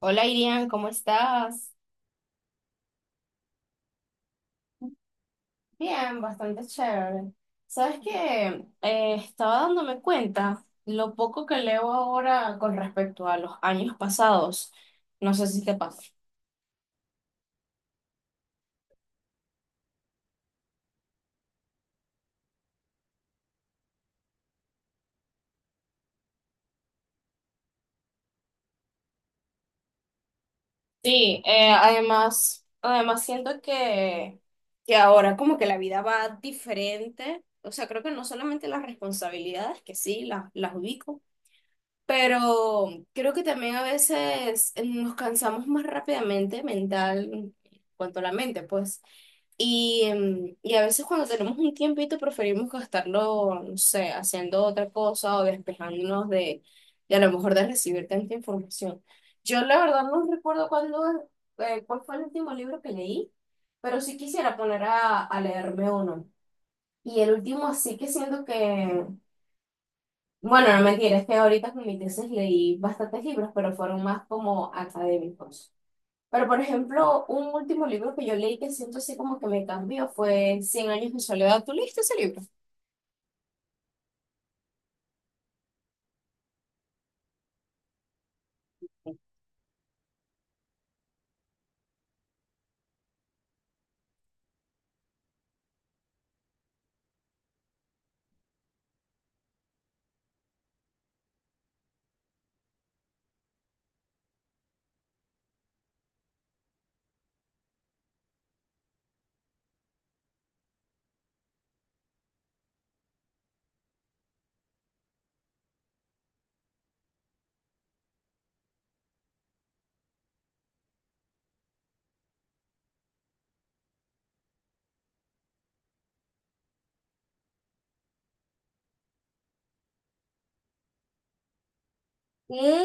Hola Irian, ¿cómo estás? Bien, bastante chévere. Sabes que estaba dándome cuenta lo poco que leo ahora con respecto a los años pasados. No sé si te pasa. Sí, además, además siento que ahora como que la vida va diferente. O sea, creo que no solamente las responsabilidades, que sí, las ubico. Pero creo que también a veces nos cansamos más rápidamente mental, en cuanto a la mente, pues. Y, y a veces cuando tenemos un tiempito preferimos gastarlo, no sé, haciendo otra cosa o despejándonos de a lo mejor de recibir tanta información. Yo la verdad no recuerdo cuál fue el último libro que leí, pero sí quisiera poner a leerme uno. Y el último sí que siento que bueno, no mentira, es que ahorita con mi tesis leí bastantes libros, pero fueron más como académicos. Pero, por ejemplo, un último libro que yo leí que siento así como que me cambió fue Cien años de soledad. ¿Tú leíste ese libro? ¿Qué?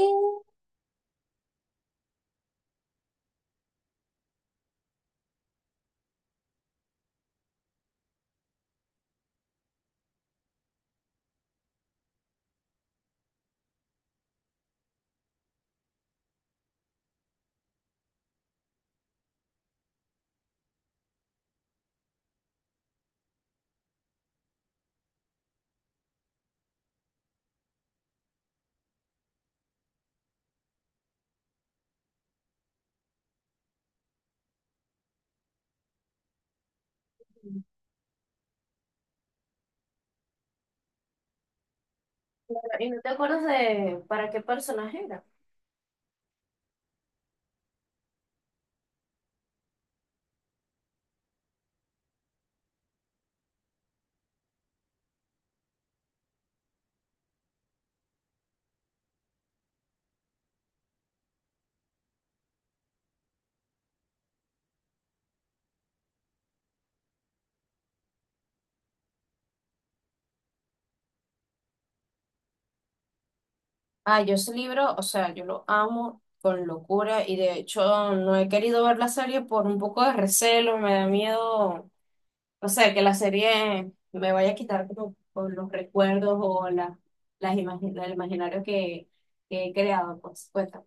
¿Y no te acuerdas de para qué personaje era? Ah, yo ese libro, o sea, yo lo amo con locura y de hecho no he querido ver la serie por un poco de recelo, me da miedo. O sea, que la serie me vaya a quitar como por los recuerdos o la, el imaginario que he creado, pues. Cuenta.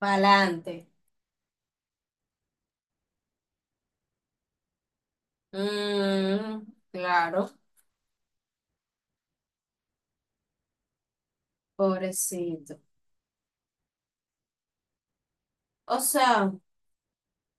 Pa'lante. Mm, claro, pobrecito. O sea,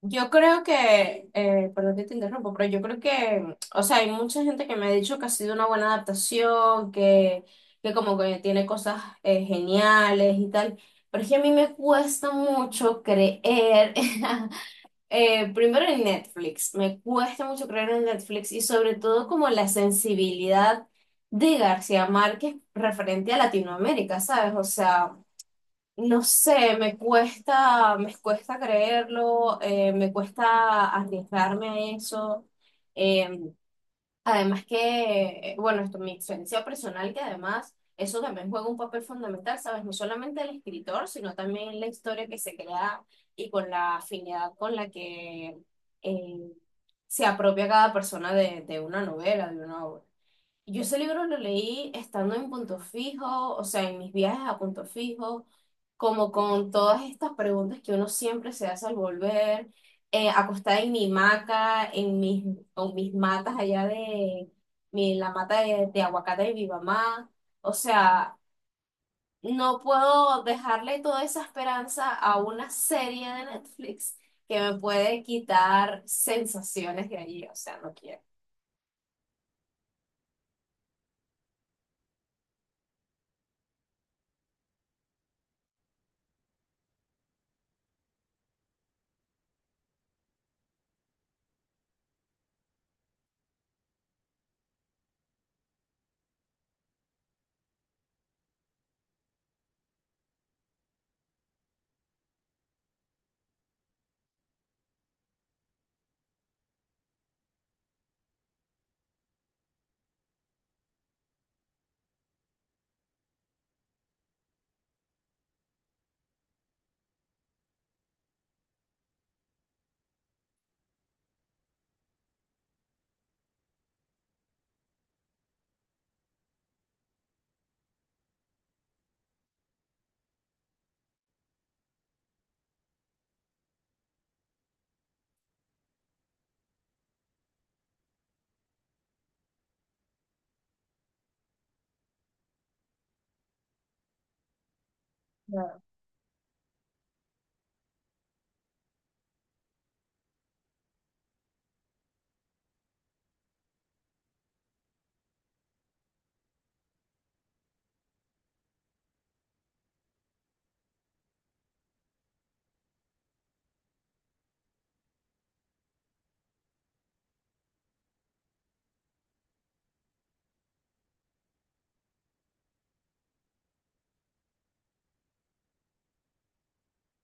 yo creo que, perdón que te interrumpo, pero yo creo que, o sea, hay mucha gente que me ha dicho que ha sido una buena adaptación, que como que tiene cosas geniales y tal, pero es que a mí me cuesta mucho creer. Primero en Netflix, me cuesta mucho creer en Netflix y sobre todo como la sensibilidad de García Márquez referente a Latinoamérica, ¿sabes? O sea, no sé, me cuesta creerlo, me cuesta arriesgarme a eso. Eh, Además que, bueno, esto, mi experiencia personal, que además eso también juega un papel fundamental, ¿sabes? No solamente el escritor, sino también la historia que se crea y con la afinidad con la que eh, se apropia cada persona de una novela, de una obra. Yo ese libro lo leí estando en Punto Fijo, o sea, en mis viajes a Punto Fijo, como con todas estas preguntas que uno siempre se hace al volver, acostada en mi hamaca, en mis, o mis matas allá de mi, la mata de aguacate de mi mamá. O sea, no puedo dejarle toda esa esperanza a una serie de Netflix que me puede quitar sensaciones de allí, o sea, no quiero.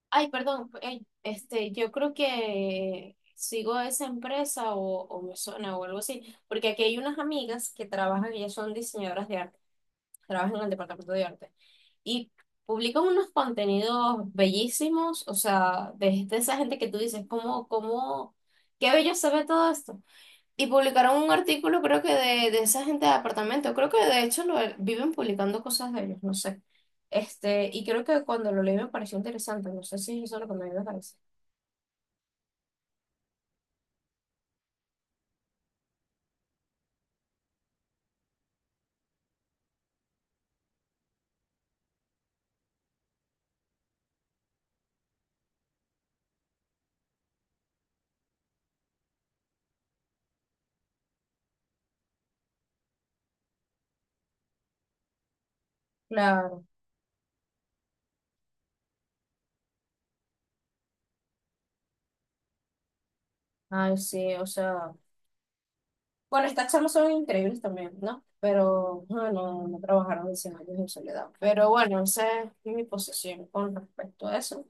Ay, perdón, yo creo que sigo esa empresa o me suena o algo así, porque aquí hay unas amigas que trabajan, ellas son diseñadoras de arte, trabajan en el departamento de arte y publican unos contenidos bellísimos, o sea, de esa gente que tú dices, ¿cómo, cómo, qué bello se ve todo esto? Y publicaron un artículo, creo que de esa gente de apartamento. Creo que de hecho lo, viven publicando cosas de ellos, no sé. Este, y creo que cuando lo leí me pareció interesante. No sé si eso es lo que me parece. Claro. Ay, sí, o sea. Bueno, estas charlas son increíbles también, ¿no? Pero bueno, no trabajaron en 100 años en soledad. Pero bueno, esa es mi posición con respecto a eso.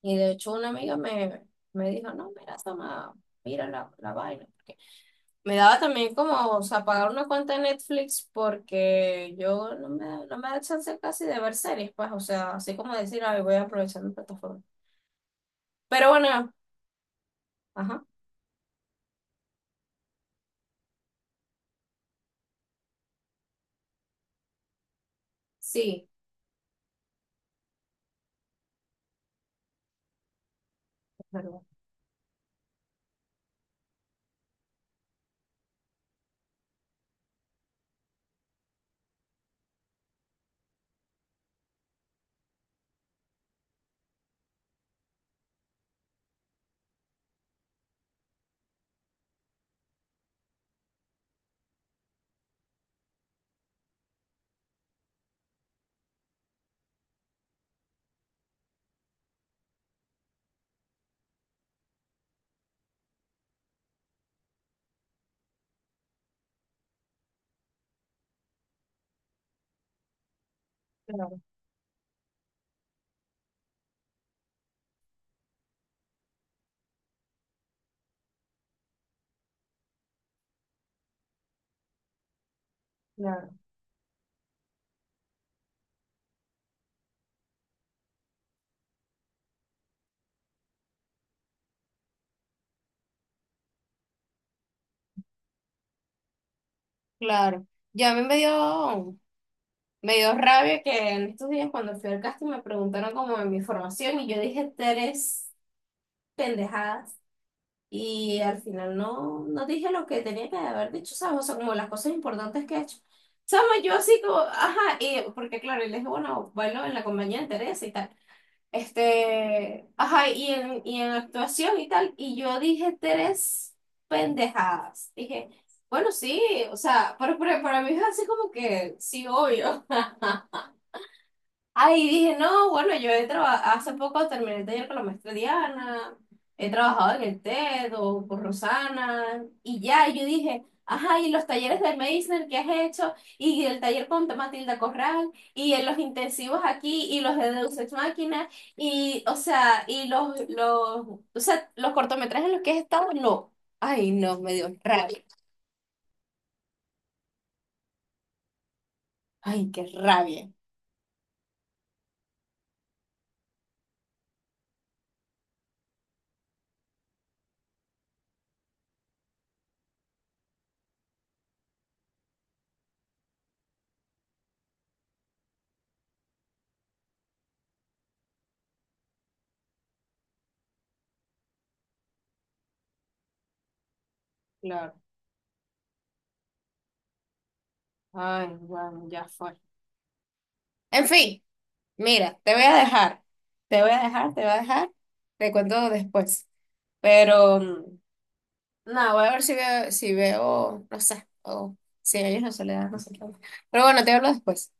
Y de hecho, una amiga me dijo: No, mira, Sama, mira la vaina. Me daba también como, o sea, pagar una cuenta de Netflix porque yo no no me da chance casi de ver series, pues, o sea, así como decir, ay, voy a aprovechar mi plataforma. Pero bueno, ajá, sí, es verdad, claro, claro, claro. Ya a mí me me dio rabia que en estos días cuando fui al casting me preguntaron como de mi formación y yo dije tres pendejadas. Y al final no, no dije lo que tenía que haber dicho, ¿sabes? O sea, como las cosas importantes que he hecho. ¿Sabes? Yo así como, ajá, y, porque claro, y le dije, bueno, bailo en la compañía de Teresa y tal. Este, ajá, y en actuación y tal. Y yo dije tres pendejadas. Dije, bueno, sí, o sea, pero para mí es así como que, sí, obvio. Ay, dije, no, bueno, yo he trabajado, hace poco terminé el taller con la maestra Diana, he trabajado en el TED o con Rosana, y ya, y yo dije, ajá, y los talleres de Meisner que has hecho, y el taller con Matilda Corral, y en los intensivos aquí, y los de Deus Ex Machina, y, o sea, los cortometrajes en los que he estado, no. Ay, no, me dio rabia. Ay, qué rabia. Claro. Ay, bueno, ya fue. En fin. Mira, te voy a dejar, te voy a dejar, te voy a dejar, te cuento después. Pero, no, voy a ver si veo, no sé, o si hay una soledad, no sé qué. Pero bueno, te hablo después.